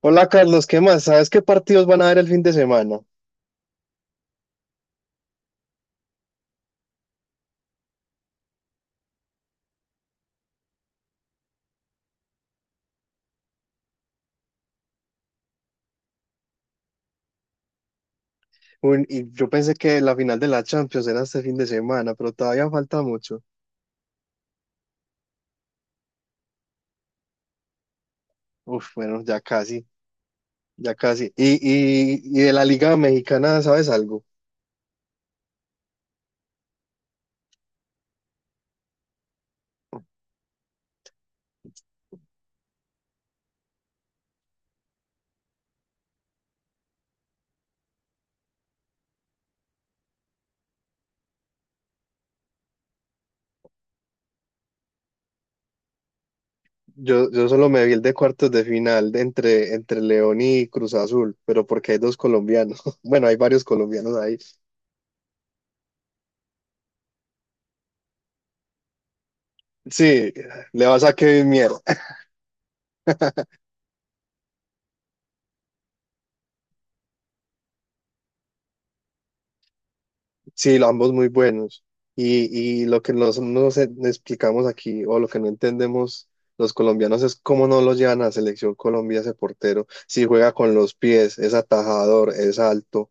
Hola Carlos, ¿qué más? ¿Sabes qué partidos van a haber el fin de semana? Y yo pensé que la final de la Champions era este fin de semana, pero todavía falta mucho. Uf, bueno, ya casi, ya casi. Y de la Liga Mexicana, ¿sabes algo? Yo solo me vi el de cuartos de final de entre León y Cruz Azul, pero porque hay dos colombianos. Bueno, hay varios colombianos ahí. Sí, le vas a Kevin Mier. Sí, ambos muy buenos. Y lo que nos explicamos aquí, o lo que no entendemos los colombianos, es cómo no lo llevan a la selección Colombia ese portero. Si juega con los pies, es atajador, es alto,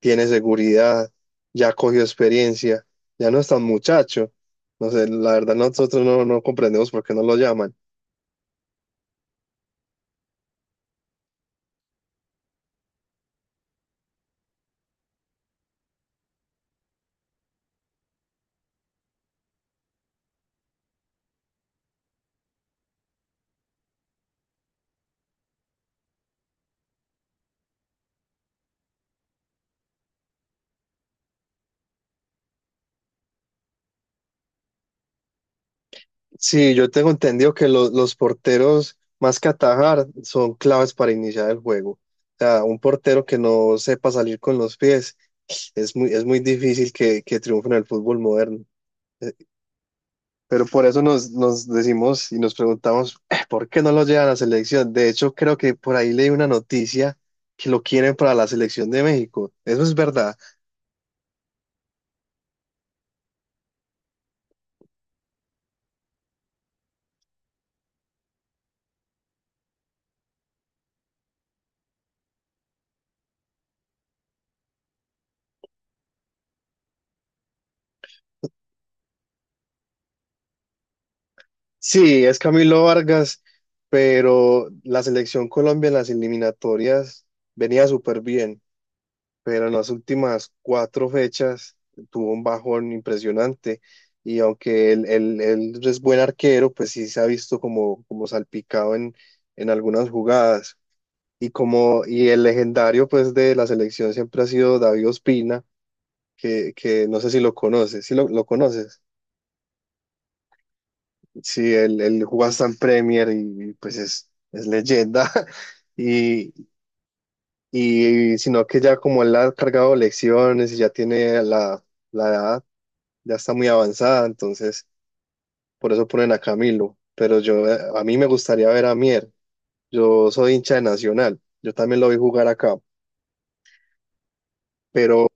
tiene seguridad, ya cogió experiencia, ya no es tan muchacho. No sé, la verdad nosotros no comprendemos por qué no lo llaman. Sí, yo tengo entendido que los porteros, más que atajar, son claves para iniciar el juego. O sea, un portero que no sepa salir con los pies. Es muy difícil que triunfen en el fútbol moderno. Eh, Pero por eso nos decimos y nos preguntamos, ¿Por qué no lo llevan a la selección?" De hecho, creo que por ahí leí una noticia que lo quieren para la selección de México. Eso es verdad. Sí, es Camilo Vargas, pero la selección Colombia en las eliminatorias venía súper bien, pero en las últimas cuatro fechas tuvo un bajón impresionante. Y aunque él es buen arquero, pues sí se ha visto como salpicado en algunas jugadas. Y el legendario pues de la selección siempre ha sido David Ospina, que no sé si lo conoces, si lo conoces. Sí, él jugó hasta en Premier y pues es leyenda. Y, y sino que ya como él ha cargado lecciones y ya tiene la edad, ya está muy avanzada, entonces por eso ponen a Camilo. Pero yo, a mí me gustaría ver a Mier. Yo soy hincha de Nacional, yo también lo vi jugar acá, pero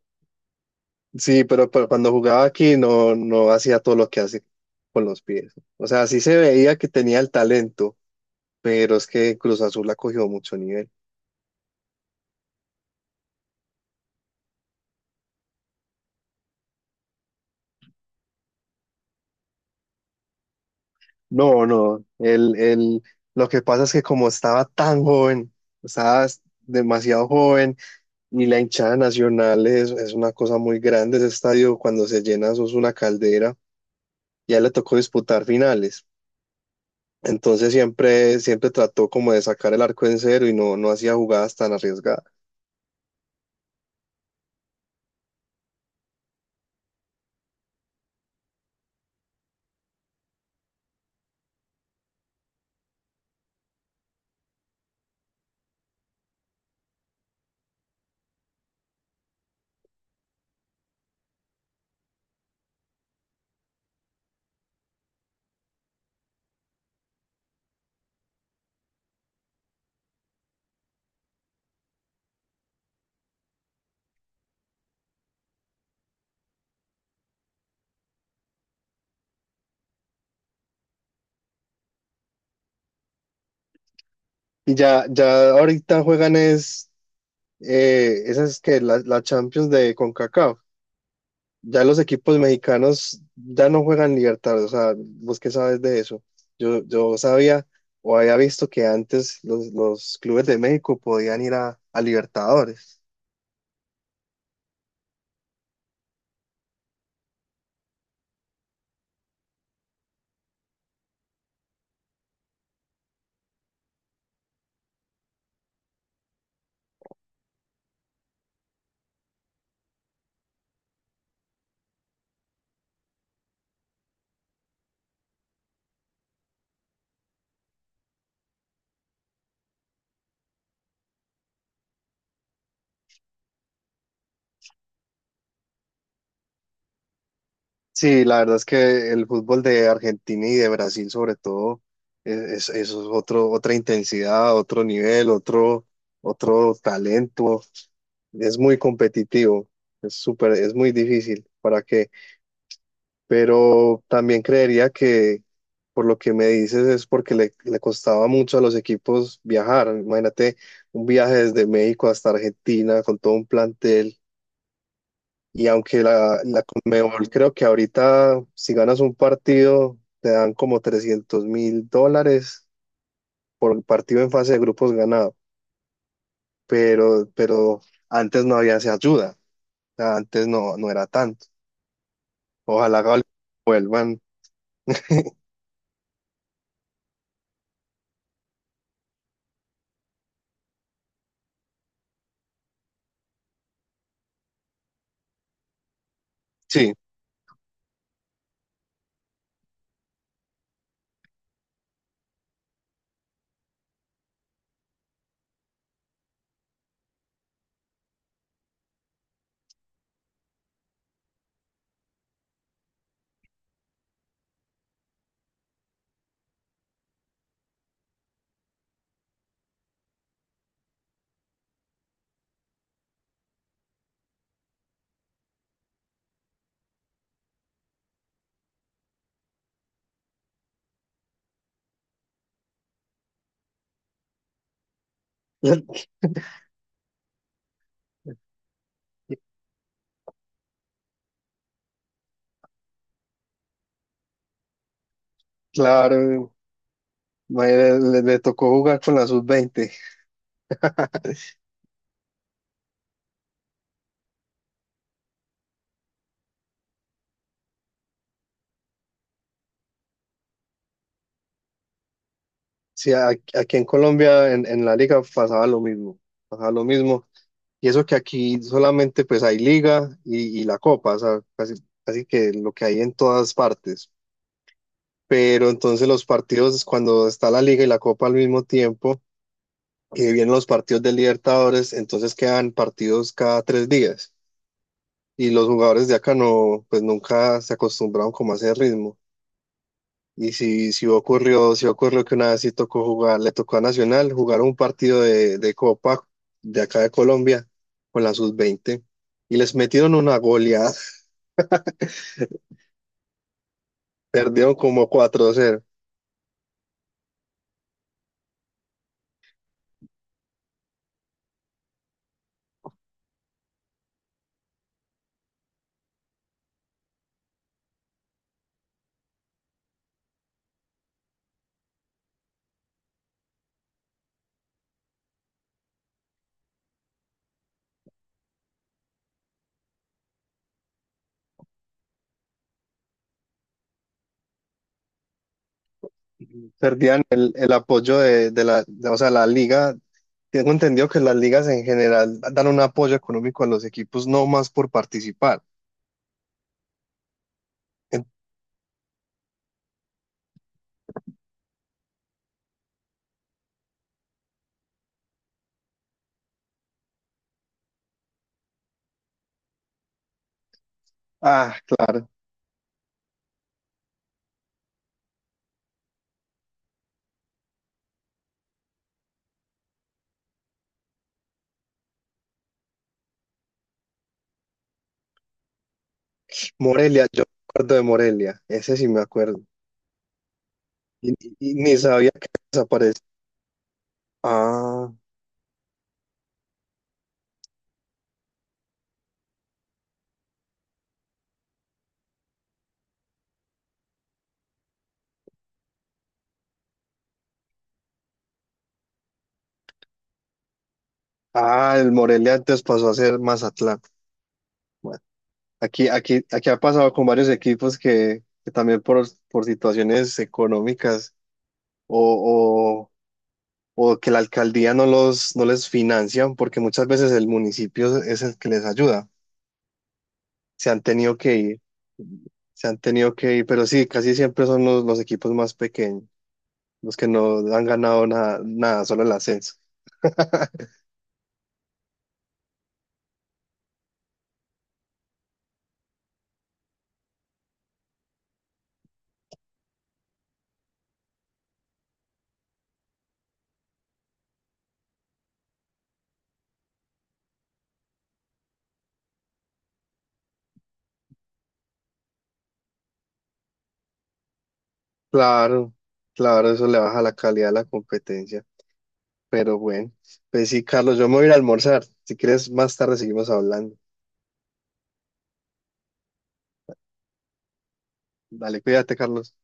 sí, pero cuando jugaba aquí no hacía todo lo que hace con los pies. O sea, sí se veía que tenía el talento, pero es que Cruz Azul ha cogido mucho nivel. No, no, lo que pasa es que como estaba tan joven, estaba demasiado joven. Y la hinchada nacional es una cosa muy grande. Ese estadio, cuando se llena, eso es una caldera. Ya le tocó disputar finales. Entonces siempre trató como de sacar el arco en cero y no hacía jugadas tan arriesgadas. Y ya, ya ahorita juegan esas que la Champions de CONCACAF. Ya los equipos mexicanos ya no juegan Libertadores. O sea, ¿vos qué sabes de eso? Yo sabía o había visto que antes los clubes de México podían ir a Libertadores. Sí, la verdad es que el fútbol de Argentina y de Brasil sobre todo eso es otro, otra intensidad, otro nivel, otro talento. Es muy competitivo, es súper, es muy difícil, ¿para qué? Pero también creería que por lo que me dices es porque le costaba mucho a los equipos viajar. Imagínate un viaje desde México hasta Argentina con todo un plantel y aunque la Conmebol creo que ahorita si ganas un partido te dan como $300.000 por partido en fase de grupos ganado, pero antes no había esa ayuda, o sea, antes no era tanto. Ojalá vuelvan. Sí, claro, tocó jugar con la sub-20. Sí, aquí en Colombia en la liga pasaba lo mismo, pasaba lo mismo. Y eso que aquí solamente pues hay liga y la copa, o sea, casi, casi que lo que hay en todas partes. Pero entonces los partidos, cuando está la liga y la copa al mismo tiempo, y vienen los partidos de Libertadores, entonces quedan partidos cada 3 días. Y los jugadores de acá no, pues nunca se acostumbraron como a ese ritmo. Y si ocurrió que una vez sí tocó jugar, le tocó a Nacional jugar un partido de copa de acá de Colombia con la sub-20 y les metieron una goleada. Perdieron como 4 cero. Perdían el apoyo o sea, la liga. Tengo entendido que las ligas en general dan un apoyo económico a los equipos, no más por participar. En- Ah, Morelia, yo me acuerdo de Morelia, ese sí me acuerdo. Y ni sabía que desapareció. Ah, ah, el Morelia antes pasó a ser Mazatlán. Bueno, aquí ha pasado con varios equipos que también por situaciones económicas o, o que la alcaldía no les financian porque muchas veces el municipio es el que les ayuda. Se han tenido que ir, se han tenido que ir, pero sí, casi siempre son los equipos más pequeños, los que no han ganado nada, nada, solo el ascenso. Claro, claro, eso le baja la calidad a la competencia. Pero bueno, pues sí, Carlos, yo me voy a ir a almorzar. Si quieres, más tarde seguimos hablando. Dale, cuídate, Carlos.